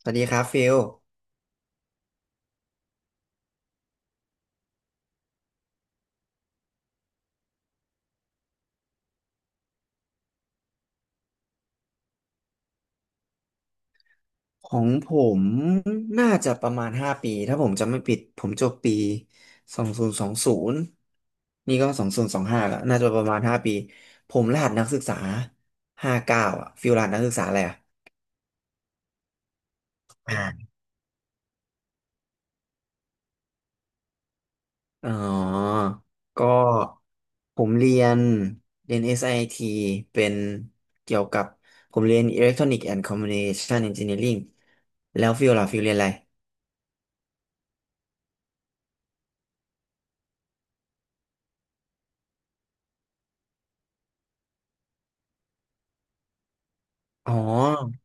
สวัสดีครับฟิลของผมน่าจะประมาณห้าปีถ้าผมจำไม่ผิดผมจบปีสองศูนย์สองศูนย์นี่ก็สองศูนย์สองห้าแล้วน่าจะประมาณห้าปีผมรหัสนักศึกษาห้าเก้าอ่ะฟิลรหัสนักศึกษาอะไรอ่ะอ่าอ๋อก็ผมเรียน SIT เป็นเกี่ยวกับผมเรียน Electronic and Communication Engineering แล้วฟิลล่ะฟิลเรียนอะไรอ๋อ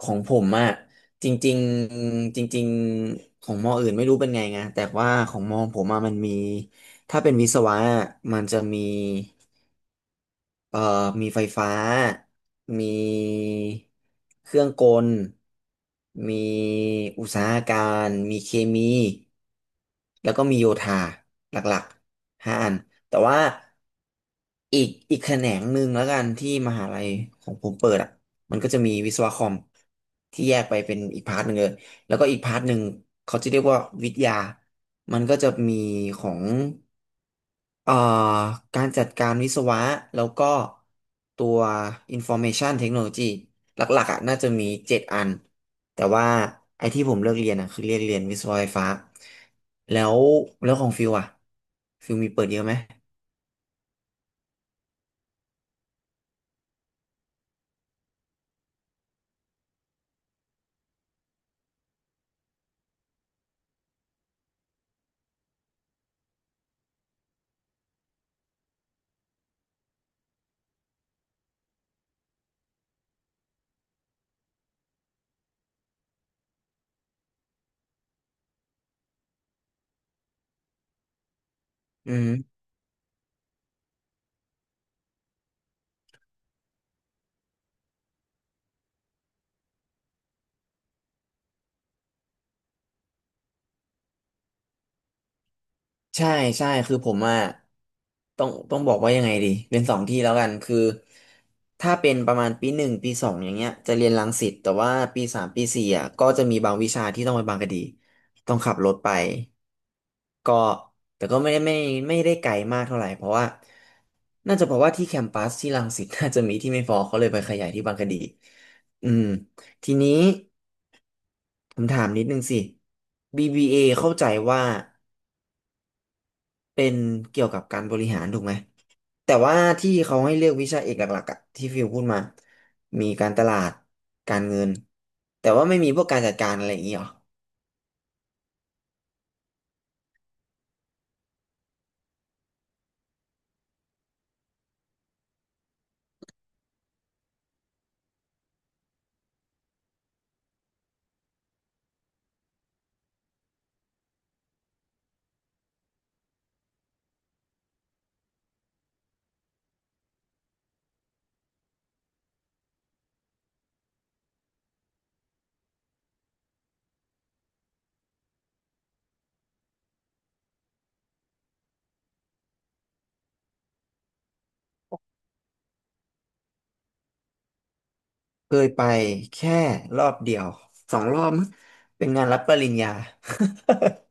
ของผมอะจริงๆจริงๆของมออื่นไม่รู้เป็นไงแต่ว่าของมอผมอะมันมีถ้าเป็นวิศวะะมันจะมี เอ่อมีไฟฟ้ามีเครื่องกลมีอุตสาหการมีเคมีแล้วก็มีโยธาหลักๆห้าอันแต่ว่าอีกแขนงหนึ่งแล้วกันที่มหาลัยของผมเปิดอ่ะมันก็จะมีวิศวะคอมที่แยกไปเป็นอีกพาร์ทหนึ่งเลยแล้วก็อีกพาร์ทหนึ่งเขาจะเรียกว่าวิทยามันก็จะมีของ เอ่อการจัดการวิศวะแล้วก็ตัว Information Technology หลักๆอ่ะน่าจะมีเจ็ดอันแต่ว่าไอ้ที่ผมเลือกเรียนอ่ะคือเรียนวิศวะไฟฟ้าแล้วแล้วของฟิวอ่ะฟิวมีเปิดเยอะไหมอืมใช่ใช่คือผมอ่ะต้องบอกว่ายังไงดีเป็นสองที่แล้วกันคือถ้าเป็นประมาณปีหนึ่งปีสองอย่างเงี้ยจะเรียนรังสิตแต่ว่าปีสามปีสี่อ่ะก็จะมีบางวิชาที่ต้องไปบางกะดีต้องขับรถไป ก็แต่ก็ไม่ได้ไม่ไม่ได้ไกลมากเท่าไหร่เพราะว่าน่าจะเพราะว่าที่แคมปัสที่รังสิต น่าจะมีที่ไม่พอเขาเลยไปขยายที่บางกะดีอืมทีนี้ผมถามนิดนึงสิ BBA เอเข้าใจว่าเป็นเกี่ยวกับการบริหารถูกไหมแต่ว่าที่เขาให้เลือกวิชาเอกหลักๆอะที่ฟิวพูดมามีการตลาดการเงินแต่ว่าไม่มีพวกการจัดการอะไรอย่างนี้หรอ เคยไปแค่รอบเดียวสองรอบมั้งเป็นงานรับปริญญา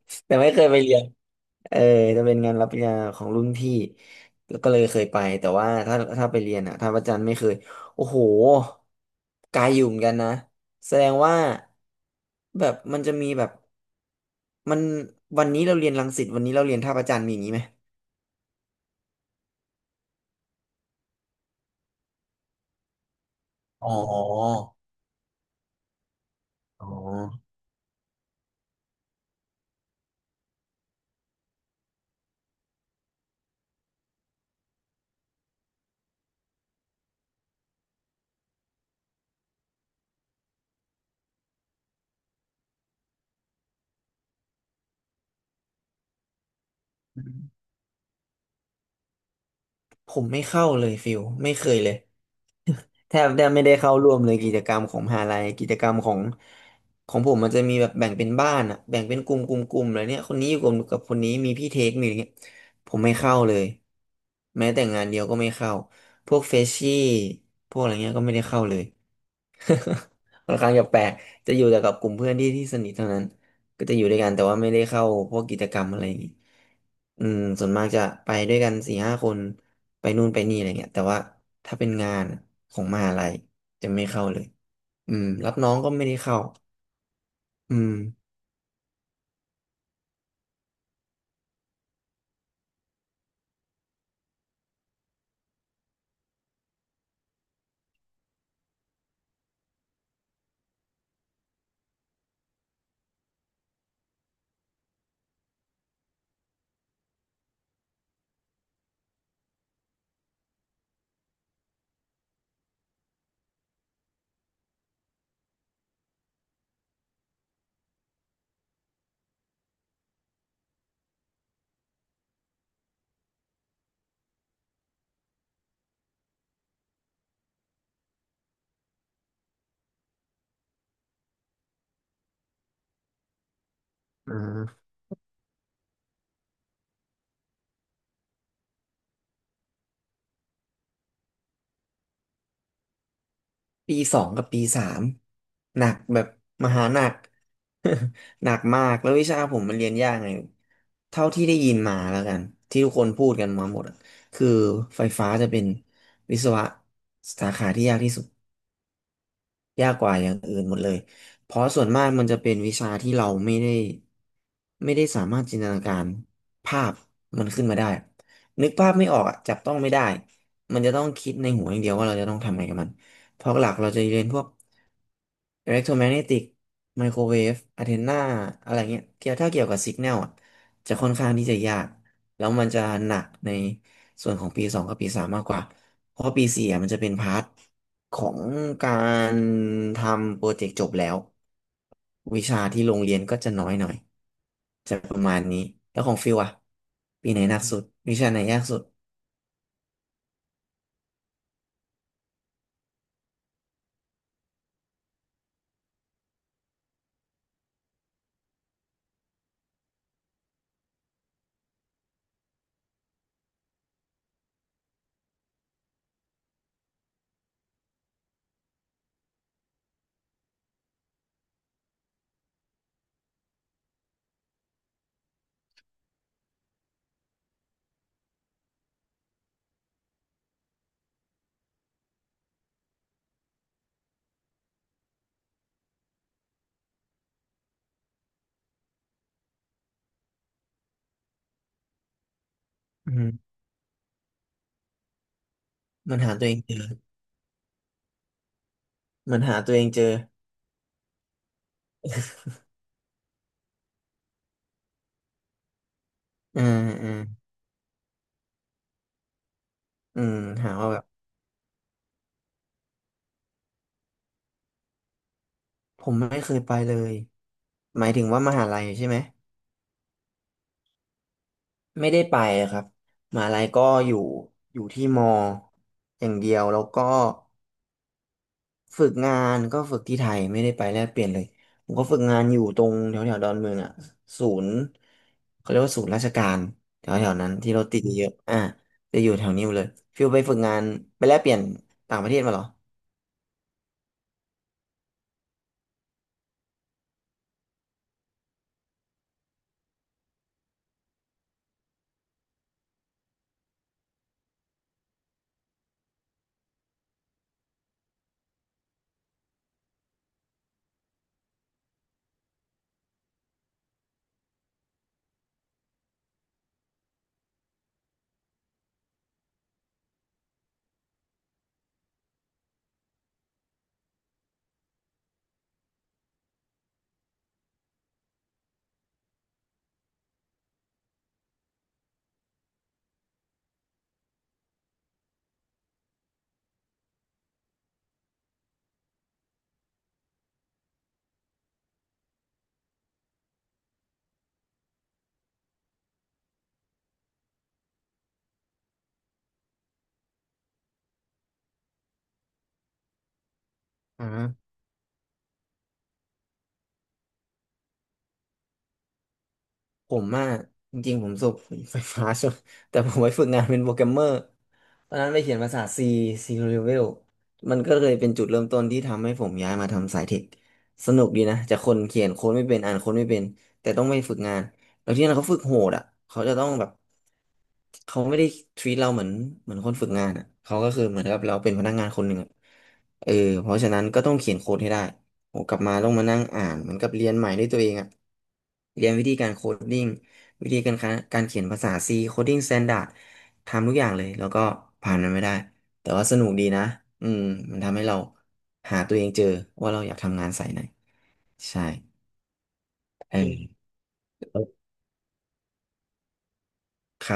แต่ไม่เคยไปเรียนเออจะเป็นงานรับปริญญาของรุ่นพี่แล้วก็เลยเคยไปแต่ว่าถ้าไปเรียนอ่ะทางอาจารย์ไม่เคยโอ้โหไกลอยู่เหมือนกันนะแสดงว่าแบบมันจะมีแบบมันวันนี้เราเรียนรังสิตวันนี้เราเรียนท่าพระจันทร์มีอย่างนี้ไหมอ๋ออ๋อ ผมไม่เข้าเลยฟิลไม่เคยเลย แทบไม่ได้เข้าร่วมเลยกิจกรรมของมหาลัยกิจกรรมของของผมมันจะมีแบบแบ่งเป็นบ้านอะแบ่งเป็นกลุ่มอะไรเนี่ยคนนี้อยู่กลุ่มกับคนนี้มีพี่เทคมีอะไรเงี้ยผมไม่เข้าเลยแม้แต่งานเดียวก็ไม่เข้าพวกเฟชชี่พวกอะไรเงี้ยก็ไม่ได้เข้าเลย ค่อนข้างจะแปลกจะอยู่แต่กับกลุ่มเพื่อนที่สนิทเท่านั้นก็จะอยู่ด้วยกันแต่ว่าไม่ได้เข้าพวกกิจกรรมอะไรอย่างงี้อืมส่วนมากจะไปด้วยกันสี่ห้าคนไปนู่นไปนี่อะไรเงี้ยแต่ว่าถ้าเป็นงานของมหาลัยจะไม่เข้าเลยอืมรับน้องก็ไม่ได้เข้าอืมอืม ปีสองกับปีสามหนักแบบมหาหนัก หนักมากแล้ววิชาผมมันเรียนยากไงเท่าที่ได้ยินมาแล้วกันที่ทุกคนพูดกันมาหมดอะคือไฟฟ้าจะเป็นวิศวะสาขาที่ยากที่สุดยากกว่าอย่างอื่นหมดเลยเพราะส่วนมากมันจะเป็นวิชาที่เราไม่ได้สามารถจินตนาการภาพมันขึ้นมาได้นึกภาพไม่ออกอะจับต้องไม่ได้มันจะต้องคิดในหัวอย่างเดียวว่าเราจะต้องทำไงกับมันเพราะหลักเราจะเรียนพวก อิเล็กโทรแมกเนติกไมโครเวฟอะเทนาอะไรเงี้ยเกี่ยวถ้าเกี่ยวกับสิกแนลอ่ะจะค่อนข้างที่จะยากแล้วมันจะหนักในส่วนของปีสองกับปีสามมากกว่าเพราะปีสี่อะมันจะเป็นพาร์ทของการทำโปรเจกต์จบแล้ววิชาที่โรงเรียนก็จะน้อยหน่อยจะประมาณนี้แล้วของฟิวอ่ะปีไหนหนักสุดวิชาไหนยากสุดอืมมันหาตัวเองเจอมันหาตัวเองเจออืมอืมอืมหาว่าแบบ ผมไม่เคยไปเลย หมายถึงว่ามหาลัยใช่ไหม ไม่ได้ไปครับมหาลัยก็อยู่อยู่ที่มออย่างเดียวแล้วก็ฝึกงานก็ฝึกที่ไทยไม่ได้ไปแลกเปลี่ยนเลยผมก็ฝึกงานอยู่ตรงแถวแถวดอนเมืองอ่ะศูนย์เขาเรียกว่าศูนย์ราชการแถวแถวนั้นที่เรถติดเยอะๆอ่ะจะอยู่แถวนี้เลยฟิวไปฝึกงานไปแลกเปลี่ยนต่างประเทศมาเหรออ่าผมอ่ะจริงๆผมจบไฟฟ้า ใช่ไหมแต่ผมไปฝึกงานเป็นโปรแกรมเมอร์ ตอนนั้นไปเขียนภาษา C C Level มันก็เลยเป็นจุดเริ่มต้นที่ทำให้ผมย้ายมาทำสายเทคสนุกดีนะจากคนเขียนโค้ดไม่เป็นอ่านโค้ดไม่เป็นแต่ต้องไปฝึกงานแล้วที่นั่นเขาฝึกโหดอ่ะเขาจะต้องแบบเขาไม่ได้ treat เราเหมือนเหมือนคนฝึกงานอ่ะเขาก็คือเหมือนกับเราเป็นพนักงานคนหนึ่งอ่ะเออเพราะฉะนั้นก็ต้องเขียนโค้ดให้ได้โ้กลับมาต้องมานั่งอ่านเหมือนกับเรียนใหม่ด้วยตัวเองอ่ะเรียนวิธีการโคดดิ้ง วิธีการคะการเขียนภาษา C Coding Standard ทำทุกอย่างเลย แล้วก็ผ่านมันไม่ได้ แต่ว่าสนุกดีนะอืมมันทำให้เราหาตัวเองเจอว่าเราอยากทำงานสายไหนใช่เออ